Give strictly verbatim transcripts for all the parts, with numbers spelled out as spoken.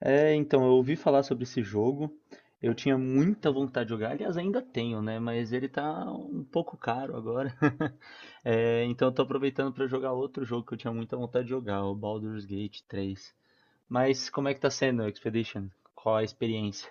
É, então, eu ouvi falar sobre esse jogo. Eu tinha muita vontade de jogar, aliás, ainda tenho, né? Mas ele tá um pouco caro agora. É, então, eu tô aproveitando pra jogar outro jogo que eu tinha muita vontade de jogar, o Baldur's Gate três. Mas como é que tá sendo o Expedition? Qual a experiência?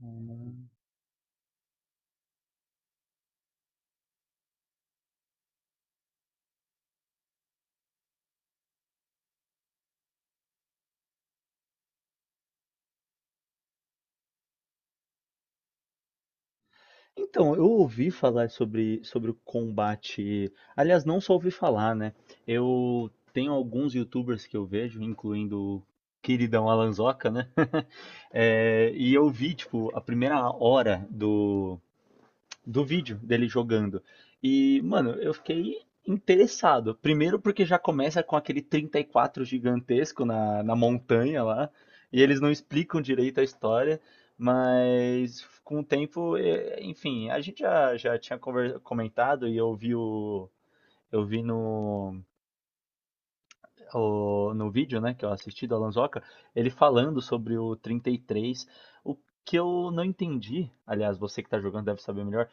Hum. Então, eu ouvi falar sobre, sobre o combate. Aliás, não só ouvi falar, né? Eu tenho alguns YouTubers que eu vejo, incluindo o queridão Alanzoca, né? É, e eu vi, tipo, a primeira hora do, do vídeo dele jogando. E, mano, eu fiquei interessado. Primeiro porque já começa com aquele trinta e quatro gigantesco na, na montanha lá, e eles não explicam direito a história, mas com o tempo, eh, enfim, a gente já, já tinha conver- comentado e eu vi o. eu vi no, o- no vídeo, né, que eu assisti do Alanzoca, ele falando sobre o trinta e três. O que eu não entendi, aliás, você que tá jogando deve saber melhor.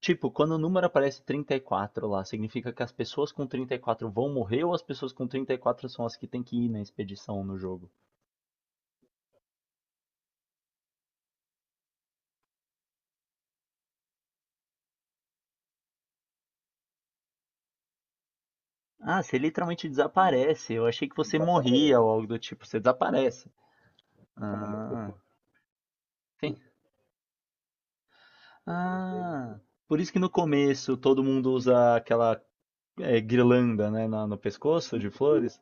Tipo, quando o número aparece trinta e quatro lá, significa que as pessoas com trinta e quatro vão morrer ou as pessoas com trinta e quatro são as que têm que ir na expedição no jogo? Ah, você literalmente desaparece. Eu achei que você Desaparece. Morria ou algo do tipo. Você desaparece. Ah, tem... ah, por isso que no começo todo mundo usa aquela é, guirlanda, né, na- no pescoço de flores.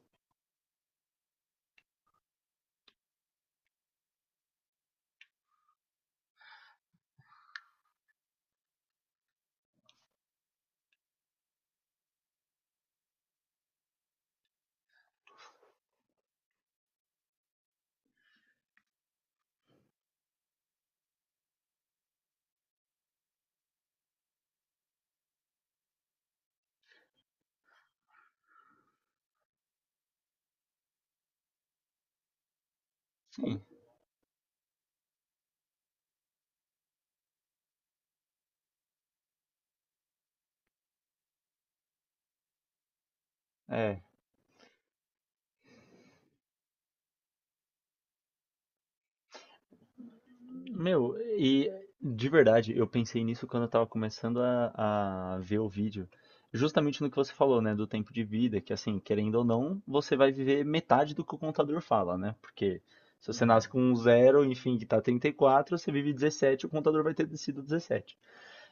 Sim, é. Meu, e de verdade, eu pensei nisso quando eu tava começando a, a ver o vídeo. Justamente no que você falou, né, do tempo de vida, que assim, querendo ou não, você vai viver metade do que o contador fala, né? Porque se você nasce, uhum, com um zero, enfim, que tá trinta e quatro, você vive dezessete, o contador vai ter sido dezessete.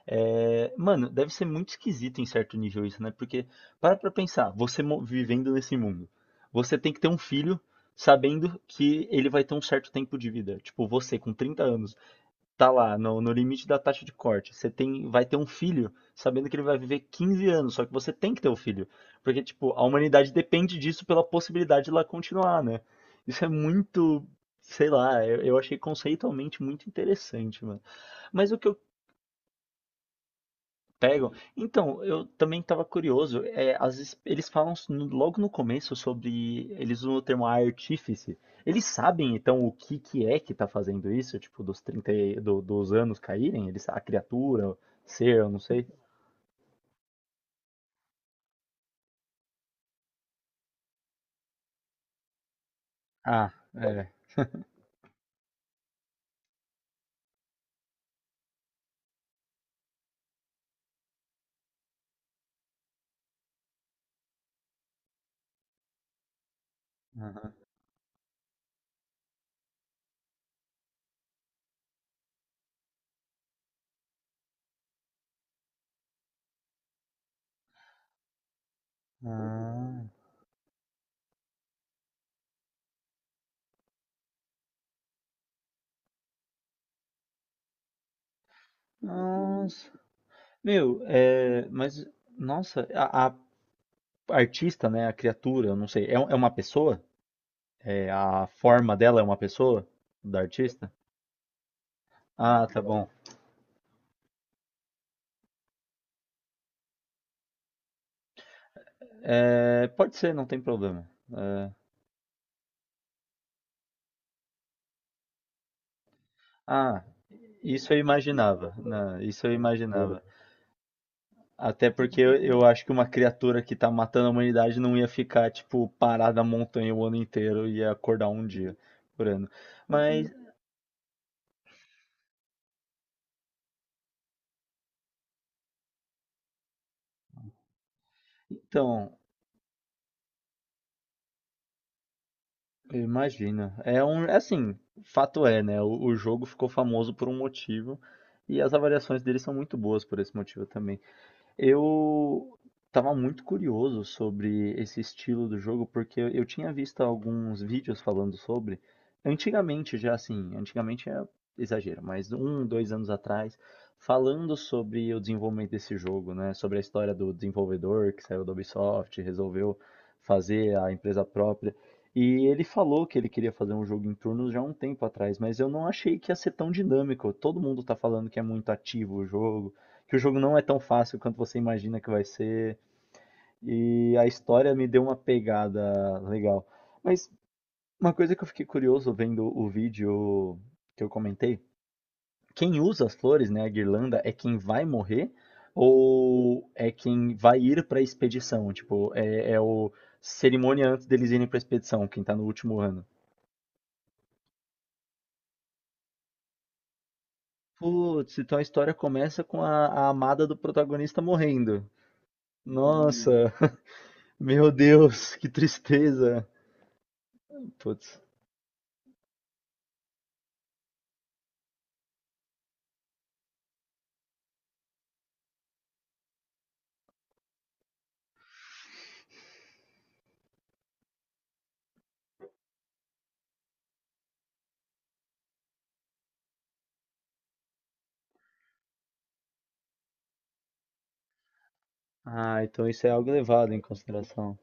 É, mano, deve ser muito esquisito em certo nível isso, né? Porque para pra pensar, você mo- vivendo nesse mundo, você tem que ter um filho sabendo que ele vai ter um certo tempo de vida. Tipo, você com trinta anos. Tá lá, no, no limite da taxa de corte. Você tem, vai ter um filho, sabendo que ele vai viver quinze anos, só que você tem que ter o filho. Porque, tipo, a humanidade depende disso pela possibilidade de ela continuar, né? Isso é muito, sei lá, eu, eu achei conceitualmente muito interessante, mano. Mas o que eu Pegam? Então, eu também estava curioso, é, às vezes eles falam s- no- logo no começo sobre. Eles usam o termo artífice. Eles sabem, então, o que que é que está fazendo isso? Tipo, dos trinta, e- do- dos anos caírem? Eles, a criatura, o ser, eu não sei. Ah, é. Ah, nossa. Meu, é, mas, nossa, a, a artista, né? A criatura, eu não sei. É, um- é uma pessoa? É, a forma dela é uma pessoa? Da artista? Ah, tá bom. É, pode ser, não tem problema. É, ah, isso eu imaginava, né? Isso eu imaginava. Até porque eu, eu acho que uma criatura que tá matando a humanidade não ia ficar, tipo, parada na montanha o ano inteiro, ia acordar um dia por ano. Mas, então, eu imagino. É um, é assim, fato é, né? O, o jogo ficou famoso por um motivo e as avaliações dele são muito boas por esse motivo também. Eu estava muito curioso sobre esse estilo do jogo, porque eu tinha visto alguns vídeos falando sobre, antigamente já assim, antigamente é exagero, mas um, dois anos atrás, falando sobre o desenvolvimento desse jogo, né? Sobre a história do desenvolvedor que saiu da Ubisoft, resolveu fazer a empresa própria. E ele falou que ele queria fazer um jogo em turnos já há um tempo atrás, mas eu não achei que ia ser tão dinâmico. Todo mundo tá falando que é muito ativo o jogo, que o jogo não é tão fácil quanto você imagina que vai ser. E a história me deu uma pegada legal. Mas uma coisa que eu fiquei curioso vendo o vídeo que eu comentei, quem usa as flores, né, a guirlanda, é quem vai morrer ou é quem vai ir para a expedição? Tipo, é, é o cerimônia antes deles irem para a expedição, quem tá no último ano. Putz, então a história começa com a, a amada do protagonista morrendo. Nossa, meu Deus, que tristeza. Putz, ah, então isso é algo levado em consideração.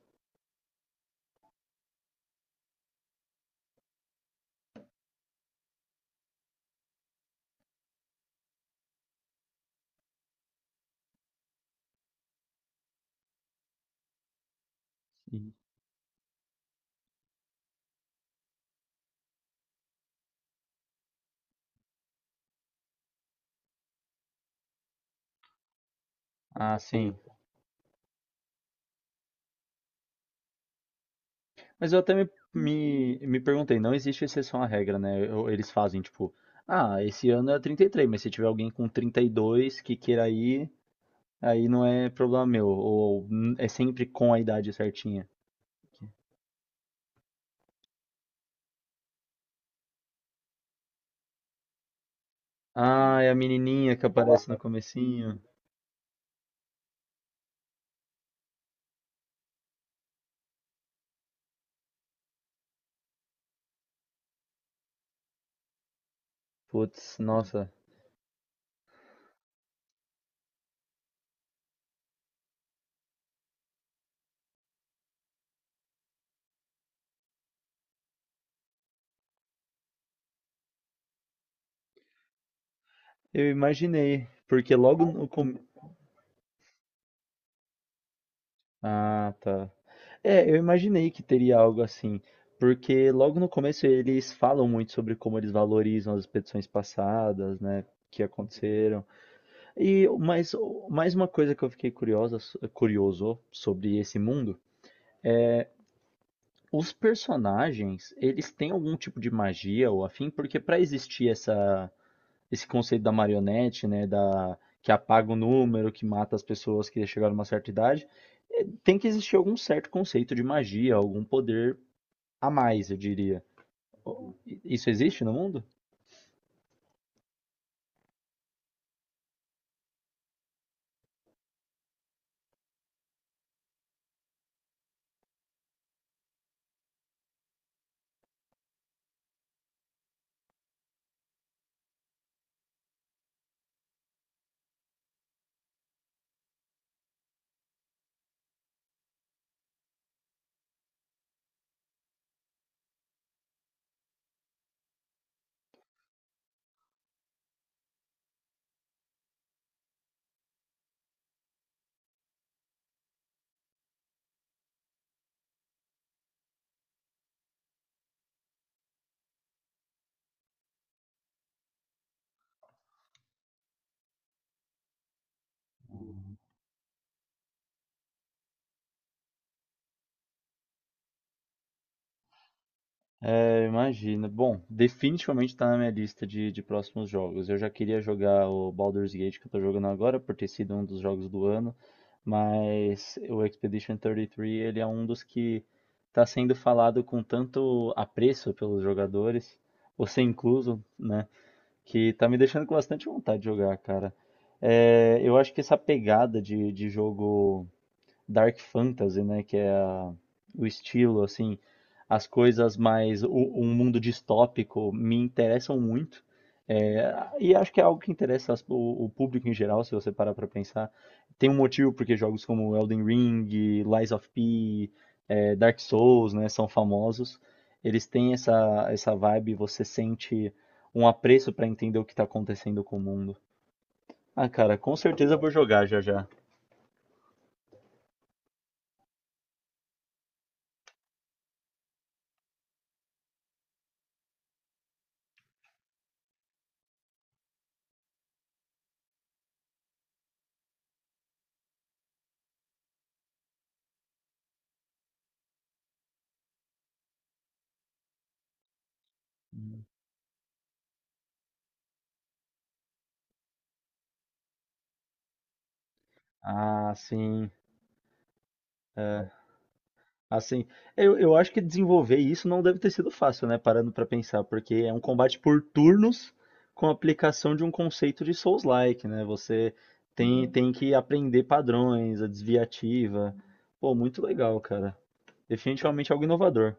Sim. Ah, sim. Mas eu até me, me, me perguntei, não existe exceção à regra, né? Eu- Eles fazem tipo, ah, esse ano é trinta e três, mas se tiver alguém com trinta e dois que queira ir, aí não é problema meu. Ou "Hum, é sempre com a idade certinha." Ah, é a menininha que aparece no comecinho. Putz, nossa. Eu imaginei, porque logo no começo. Ah, tá. É, eu imaginei que teria algo assim, porque logo no começo eles falam muito sobre como eles valorizam as expedições passadas, né, que aconteceram. E mas mais uma coisa que eu fiquei curiosa, curioso sobre esse mundo. Os personagens, eles têm algum tipo de magia ou afim? Porque para existir essa, esse conceito da marionete, né, da que apaga o número, que mata as pessoas que chegaram a uma certa idade, eh, tem que existir algum certo conceito de magia, algum poder a mais, eu diria. Isso existe no mundo? É, imagina. Bom, definitivamente tá na minha lista de, de próximos jogos. Eu já queria jogar o Baldur's Gate que eu tô jogando agora, por ter sido um dos jogos do ano, mas o Expedition trinta e três, ele é um dos que tá sendo falado com tanto apreço pelos jogadores, você incluso, né, que tá me deixando com bastante vontade de jogar, cara. É, eu acho que essa pegada de, de jogo dark fantasy, né? Que é a- o estilo, assim, as coisas mais, o- um mundo distópico me interessam muito. É, e acho que é algo que interessa as- o, o público em geral, se você parar pra pensar. Tem um motivo porque jogos como Elden Ring, Lies of P, é, Dark Souls, né, são famosos. Eles têm essa, essa vibe, você sente um apreço pra entender o que tá acontecendo com o mundo. Ah, cara, com certeza eu vou jogar já já. Ah, sim. Assim, eu, eu acho que desenvolver isso não deve ter sido fácil, né? Parando pra pensar, porque é um combate por turnos com a aplicação de um conceito de Souls-like, né? Você tem, tem que aprender padrões, a desviativa. Pô, muito legal, cara. Definitivamente algo inovador.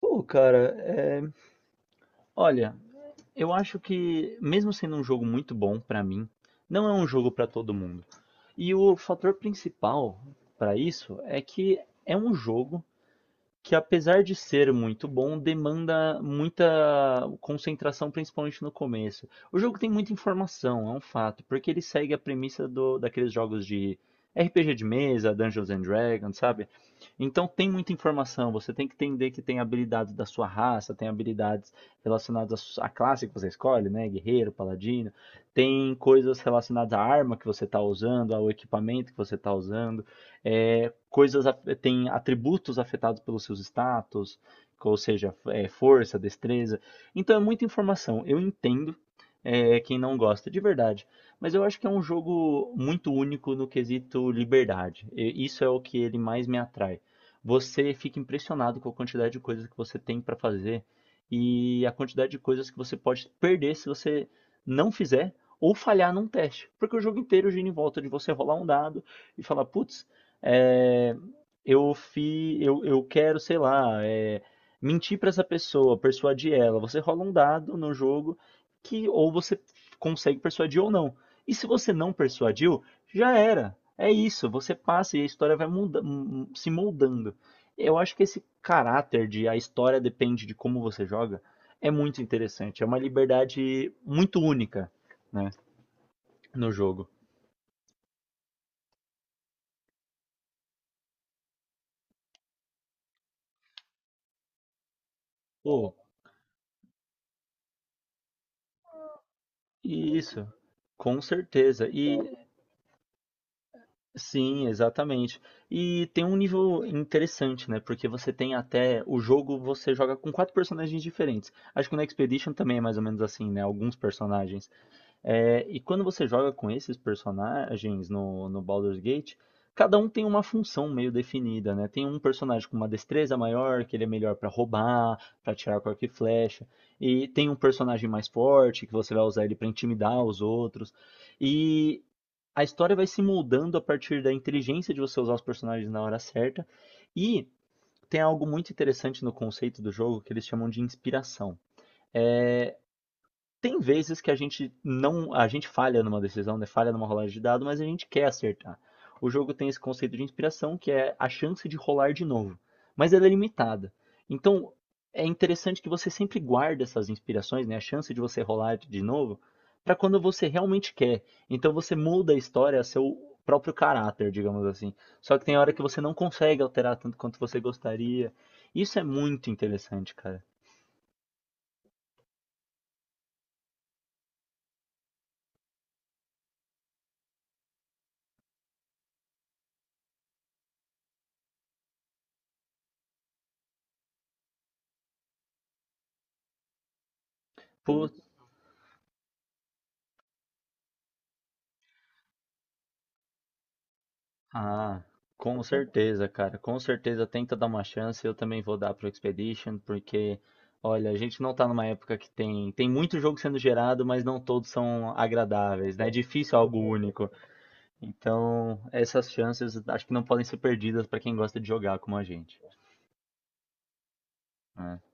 Pô, cara, é... olha, eu acho que mesmo sendo um jogo muito bom pra mim, não é um jogo pra todo mundo. E o fator principal pra isso é que é um jogo que, apesar de ser muito bom, demanda muita concentração, principalmente no começo. O jogo tem muita informação, é um fato, porque ele segue a premissa do, daqueles jogos de R P G de mesa, Dungeons and Dragons, sabe? Então tem muita informação, você tem que entender que tem habilidades da sua raça, tem habilidades relacionadas à su- à classe que você escolhe, né? Guerreiro, paladino, tem coisas relacionadas à arma que você está usando, ao equipamento que você está usando. É, coisas af- tem atributos afetados pelos seus status, ou seja, é, força, destreza. Então é muita informação. Eu entendo, é, quem não gosta, de verdade. Mas eu acho que é um jogo muito único no quesito liberdade. E isso é o que ele mais me atrai. Você fica impressionado com a quantidade de coisas que você tem para fazer e a quantidade de coisas que você pode perder se você não fizer ou falhar num teste. Porque o jogo inteiro gira em volta de você rolar um dado e falar, putz, é, eu fi, eu, eu quero, sei lá, é, mentir para essa pessoa, persuadir ela. Você rola um dado no jogo que ou você consegue persuadir ou não. E se você não persuadiu, já era. É isso, você passa e a história vai muda, m- se moldando. Eu acho que esse caráter de a história depende de como você joga é muito interessante. É uma liberdade muito única, né, no jogo. Pô, isso. Com certeza. E sim, exatamente. E tem um nível interessante, né? Porque você tem até o jogo, você joga com quatro personagens diferentes. Acho que no Expedition também é mais ou menos assim, né? Alguns personagens. É, e quando você joga com esses personagens no, no Baldur's Gate, cada um tem uma função meio definida, né? Tem um personagem com uma destreza maior, que ele é melhor pra roubar, pra tirar com arco e flecha. E tem um personagem mais forte, que você vai usar ele pra intimidar os outros, a história vai se moldando a partir da inteligência de você usar os personagens na hora certa. E tem algo muito interessante no conceito do jogo que eles chamam de inspiração. É, tem vezes que a gente não, a gente falha numa decisão, né? Falha numa rolagem de dado, mas a gente quer acertar. O jogo tem esse conceito de inspiração, que é a chance de rolar de novo, mas ela é limitada. Então, é interessante que você sempre guarde essas inspirações, né? A chance de você rolar de novo, para quando você realmente quer. Então você muda a história a seu próprio caráter, digamos assim. Só que tem hora que você não consegue alterar tanto quanto você gostaria. Isso é muito interessante, cara. Putz, ah, com certeza, cara. Com certeza tenta dar uma chance. Eu também vou dar pro Expedition, porque, olha, a gente não tá numa época que tem, tem muito jogo sendo gerado, mas não todos são agradáveis, né? É difícil algo único. Então, essas chances acho que não podem ser perdidas pra quem gosta de jogar como a gente. É.